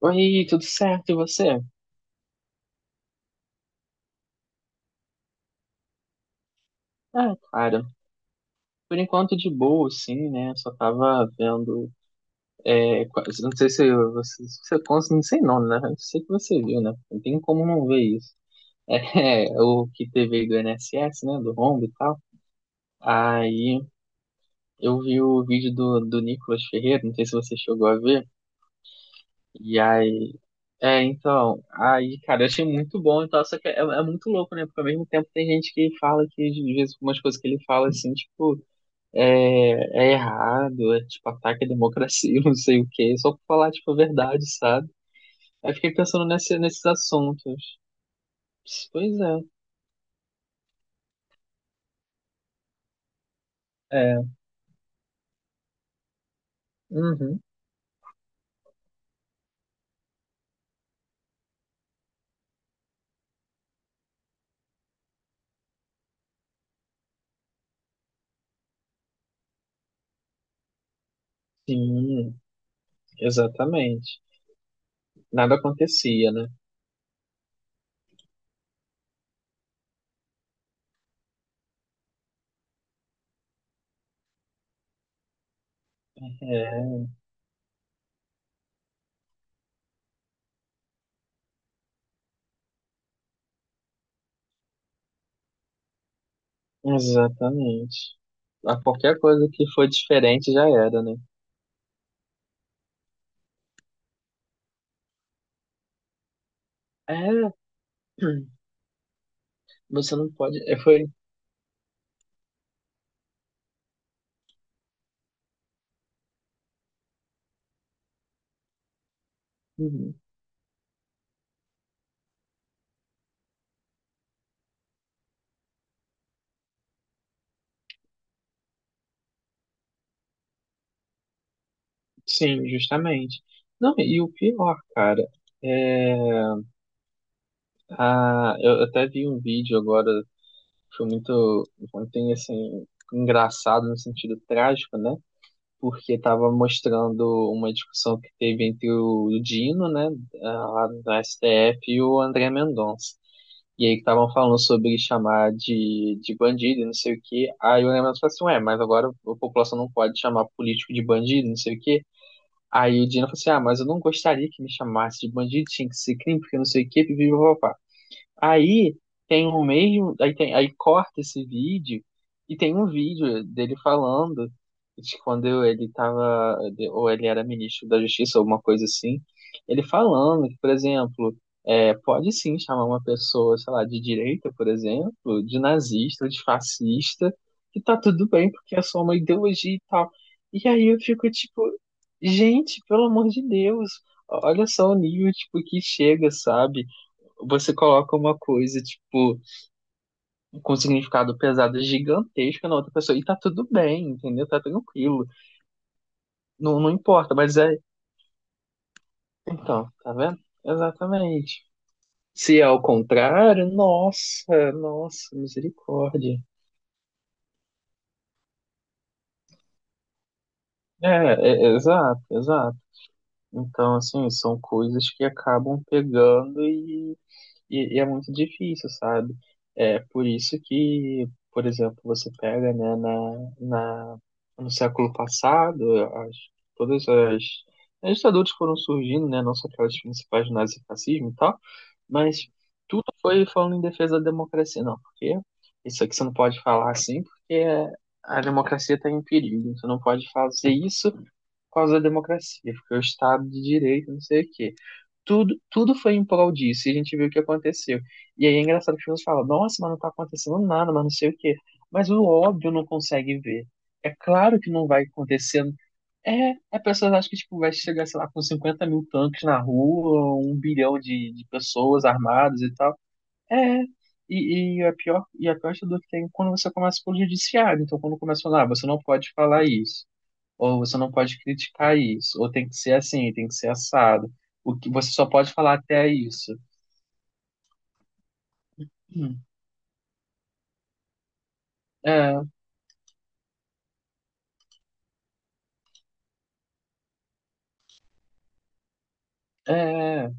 Oi, tudo certo? E você? Ah, cara, por enquanto de boa, sim, né? Só tava vendo. É, não sei se você, se você cons- não sei não, né? Eu sei que você viu, né? Não tem como não ver isso. É, o que teve aí do INSS, né? Do rombo e tal. Aí eu vi o vídeo do Nicolas Ferreira, não sei se você chegou a ver. E aí, então, aí, cara, eu achei muito bom e tal, só que é muito louco, né? Porque ao mesmo tempo tem gente que fala que, às vezes, umas coisas que ele fala, assim, tipo, é errado, é tipo ataque à democracia, não sei o quê, só pra falar tipo a verdade, sabe? Aí fiquei pensando nesses assuntos. Pois é, é, uhum, sim, exatamente. Nada acontecia, né? É, exatamente. A qualquer coisa que for diferente já era, né? É, você não pode. Uhum, sim, justamente. Não, e o pior, cara, é, eu até vi um vídeo agora. Foi muito, ontem, assim, engraçado no sentido trágico, né? Porque estava mostrando uma discussão que teve entre o Dino, né, lá do STF, e o André Mendonça. E aí que estavam falando sobre chamar de bandido e não sei o quê. Aí o André Mendonça falou assim, ué, mas agora a população não pode chamar político de bandido, não sei o quê. Aí o Dino falou assim, ah, mas eu não gostaria que me chamasse de bandido, tinha que ser crime, porque não sei o quê, pipi. Aí tem o mesmo, aí tem, aí corta esse vídeo e tem um vídeo dele falando de quando ele tava, ou ele era ministro da Justiça, alguma coisa assim, ele falando que, por exemplo, pode sim chamar uma pessoa, sei lá, de direita, por exemplo, de nazista, de fascista, que tá tudo bem porque é só uma ideologia e tal. E aí eu fico tipo, gente, pelo amor de Deus, olha só o nível tipo que chega, sabe? Você coloca uma coisa, tipo, com um significado pesado gigantesco na outra pessoa. E tá tudo bem, entendeu? Tá tranquilo. Não, não importa, mas é. Então, tá vendo? Exatamente. Se é ao contrário, nossa, nossa, misericórdia. É, é, é, exato, exato. Então, assim, são coisas que acabam pegando, e é muito difícil, sabe? É por isso que, por exemplo, você pega, né, no século passado, as, todas as ditaduras que foram surgindo, né, não só aquelas principais do nazifascismo e tal, mas tudo foi falando em defesa da democracia. Não, porque isso aqui você não pode falar assim, porque a democracia está em perigo. Você não pode fazer isso por causa da democracia, porque é o Estado de Direito, não sei o quê. Tudo foi em prol disso, e a gente viu o que aconteceu. E aí é engraçado que as pessoas falam, nossa, mas não tá acontecendo nada, mas não sei o quê. Mas o óbvio não consegue ver. É claro que não vai acontecer. É, a pessoa acha que tipo, vai chegar, sei lá, com 50 mil tanques na rua, 1 bilhão de pessoas armadas e tal. É, a pior dor que tem é quando você começa pelo judiciário. Então, quando começa a falar, você não pode falar isso ou você não pode criticar isso, ou tem que ser assim, tem que ser assado. O que você só pode falar até isso. Hum, é, é,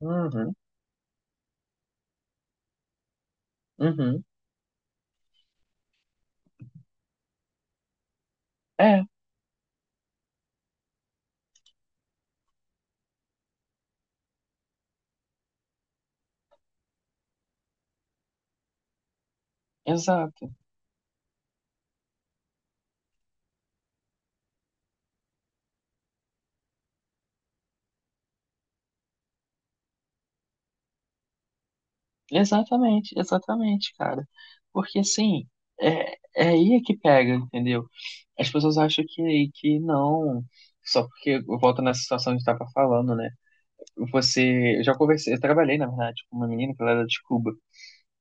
uhum, uhum, é, exato. Exatamente, exatamente, cara. Porque assim, é aí é que pega, entendeu? As pessoas acham que não. Só porque volta nessa situação que a gente tava falando, né? Eu trabalhei, na verdade, com uma menina que ela era de Cuba.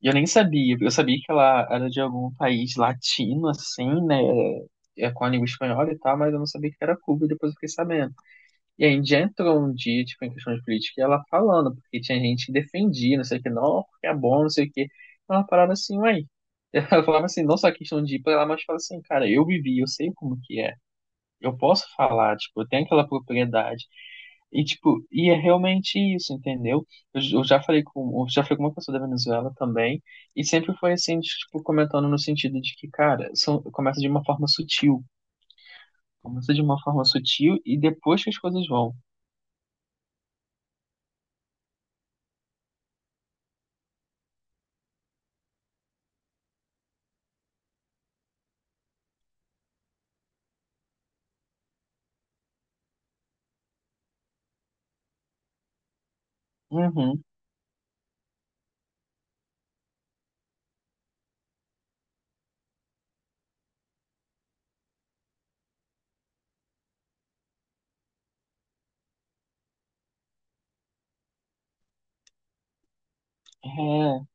E eu nem sabia, eu sabia que ela era de algum país latino, assim, né? Com a língua espanhola e tal, mas eu não sabia que era Cuba, e depois eu fiquei sabendo. E a Índia entrou um dia, tipo, em questão de política, e ela falando, porque tinha gente que defendia, não sei o que, não, porque é bom, não sei o que. Ela parava assim, uai. Ela falava assim, não só a questão de ir pra lá, mas fala assim, cara, eu vivi, eu sei como que é. Eu posso falar, tipo, eu tenho aquela propriedade. E, tipo, e é realmente isso, entendeu? Eu já falei com uma pessoa da Venezuela também, e sempre foi assim, de, tipo, comentando no sentido de que, cara, começa de uma forma sutil. Começa de uma forma sutil e depois que as coisas vão. Uhum, é,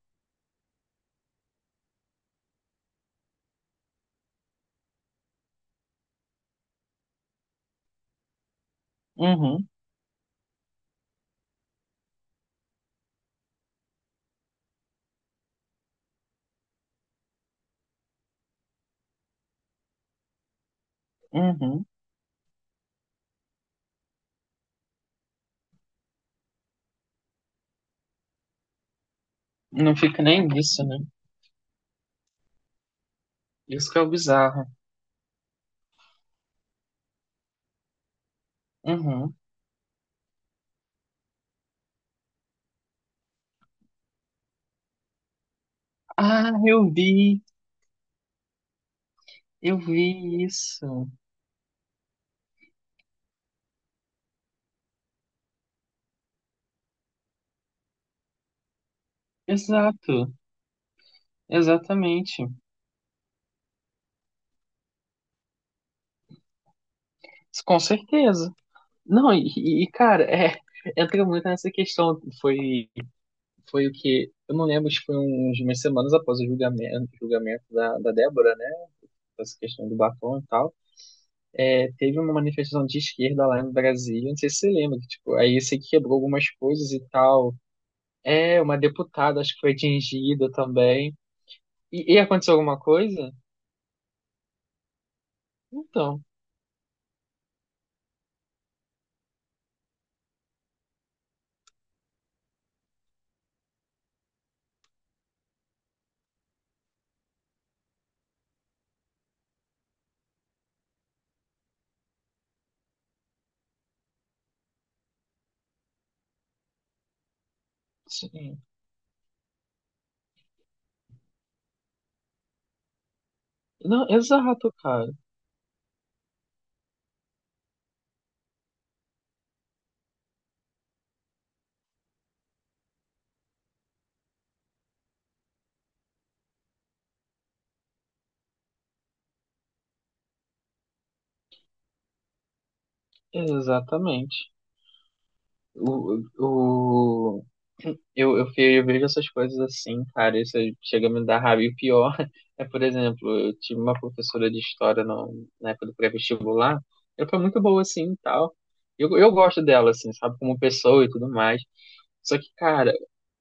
uhum, uhum. Não fica nem nisso, né? Isso que é o bizarro. Uhum. Ah, eu vi, isso. Exato, exatamente. Com certeza. Não, cara, entra muito nessa questão. Foi o que. Eu não lembro se foi uns umas semanas após o julgamento da Débora, né? Essa questão do batom e tal. É, teve uma manifestação de esquerda lá em Brasília, não sei se você lembra, que, tipo, aí eu sei que quebrou algumas coisas e tal. É, uma deputada, acho que foi atingida também. E aconteceu alguma coisa? Então, sim. Não, exato, cara. Exatamente. O, eu, fe- eu vejo essas coisas assim, cara, isso chega a me dar raiva. E o pior é, por exemplo, eu tive uma professora de história no, na época do pré-vestibular, ela foi muito boa assim e tal. Eu gosto dela, assim, sabe, como pessoa e tudo mais. Só que, cara,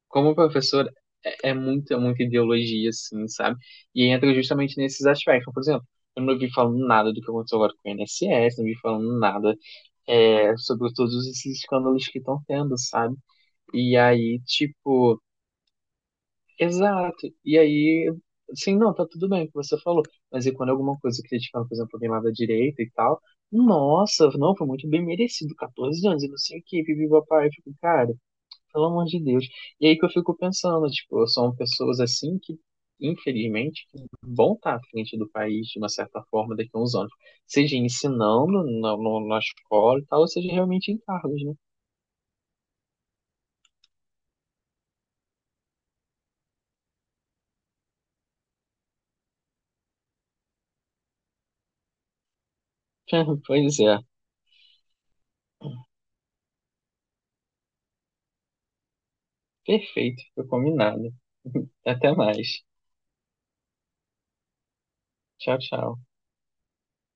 como professora, é muita, muita ideologia, assim, sabe? E entra justamente nesses aspectos. Por exemplo, eu não vi falando nada do que aconteceu agora com o INSS, não vi falando nada sobre todos esses escândalos que estão tendo, sabe? E aí, tipo. Exato. E aí, assim, não, tá tudo bem o que você falou. Mas e quando alguma coisa criticaram, por exemplo, alguém lá da direita e tal? Nossa, não, foi muito bem merecido, 14 anos e não sei o que, vive a pai. Eu fico, cara, pelo amor de Deus. E aí que eu fico pensando, tipo, são pessoas assim que, infelizmente, que vão estar à frente do país, de uma certa forma, daqui a uns anos. Seja ensinando na, no- na escola e tal, ou seja realmente em cargos, né? Pois é, perfeito, foi combinado. Até mais. Tchau, tchau.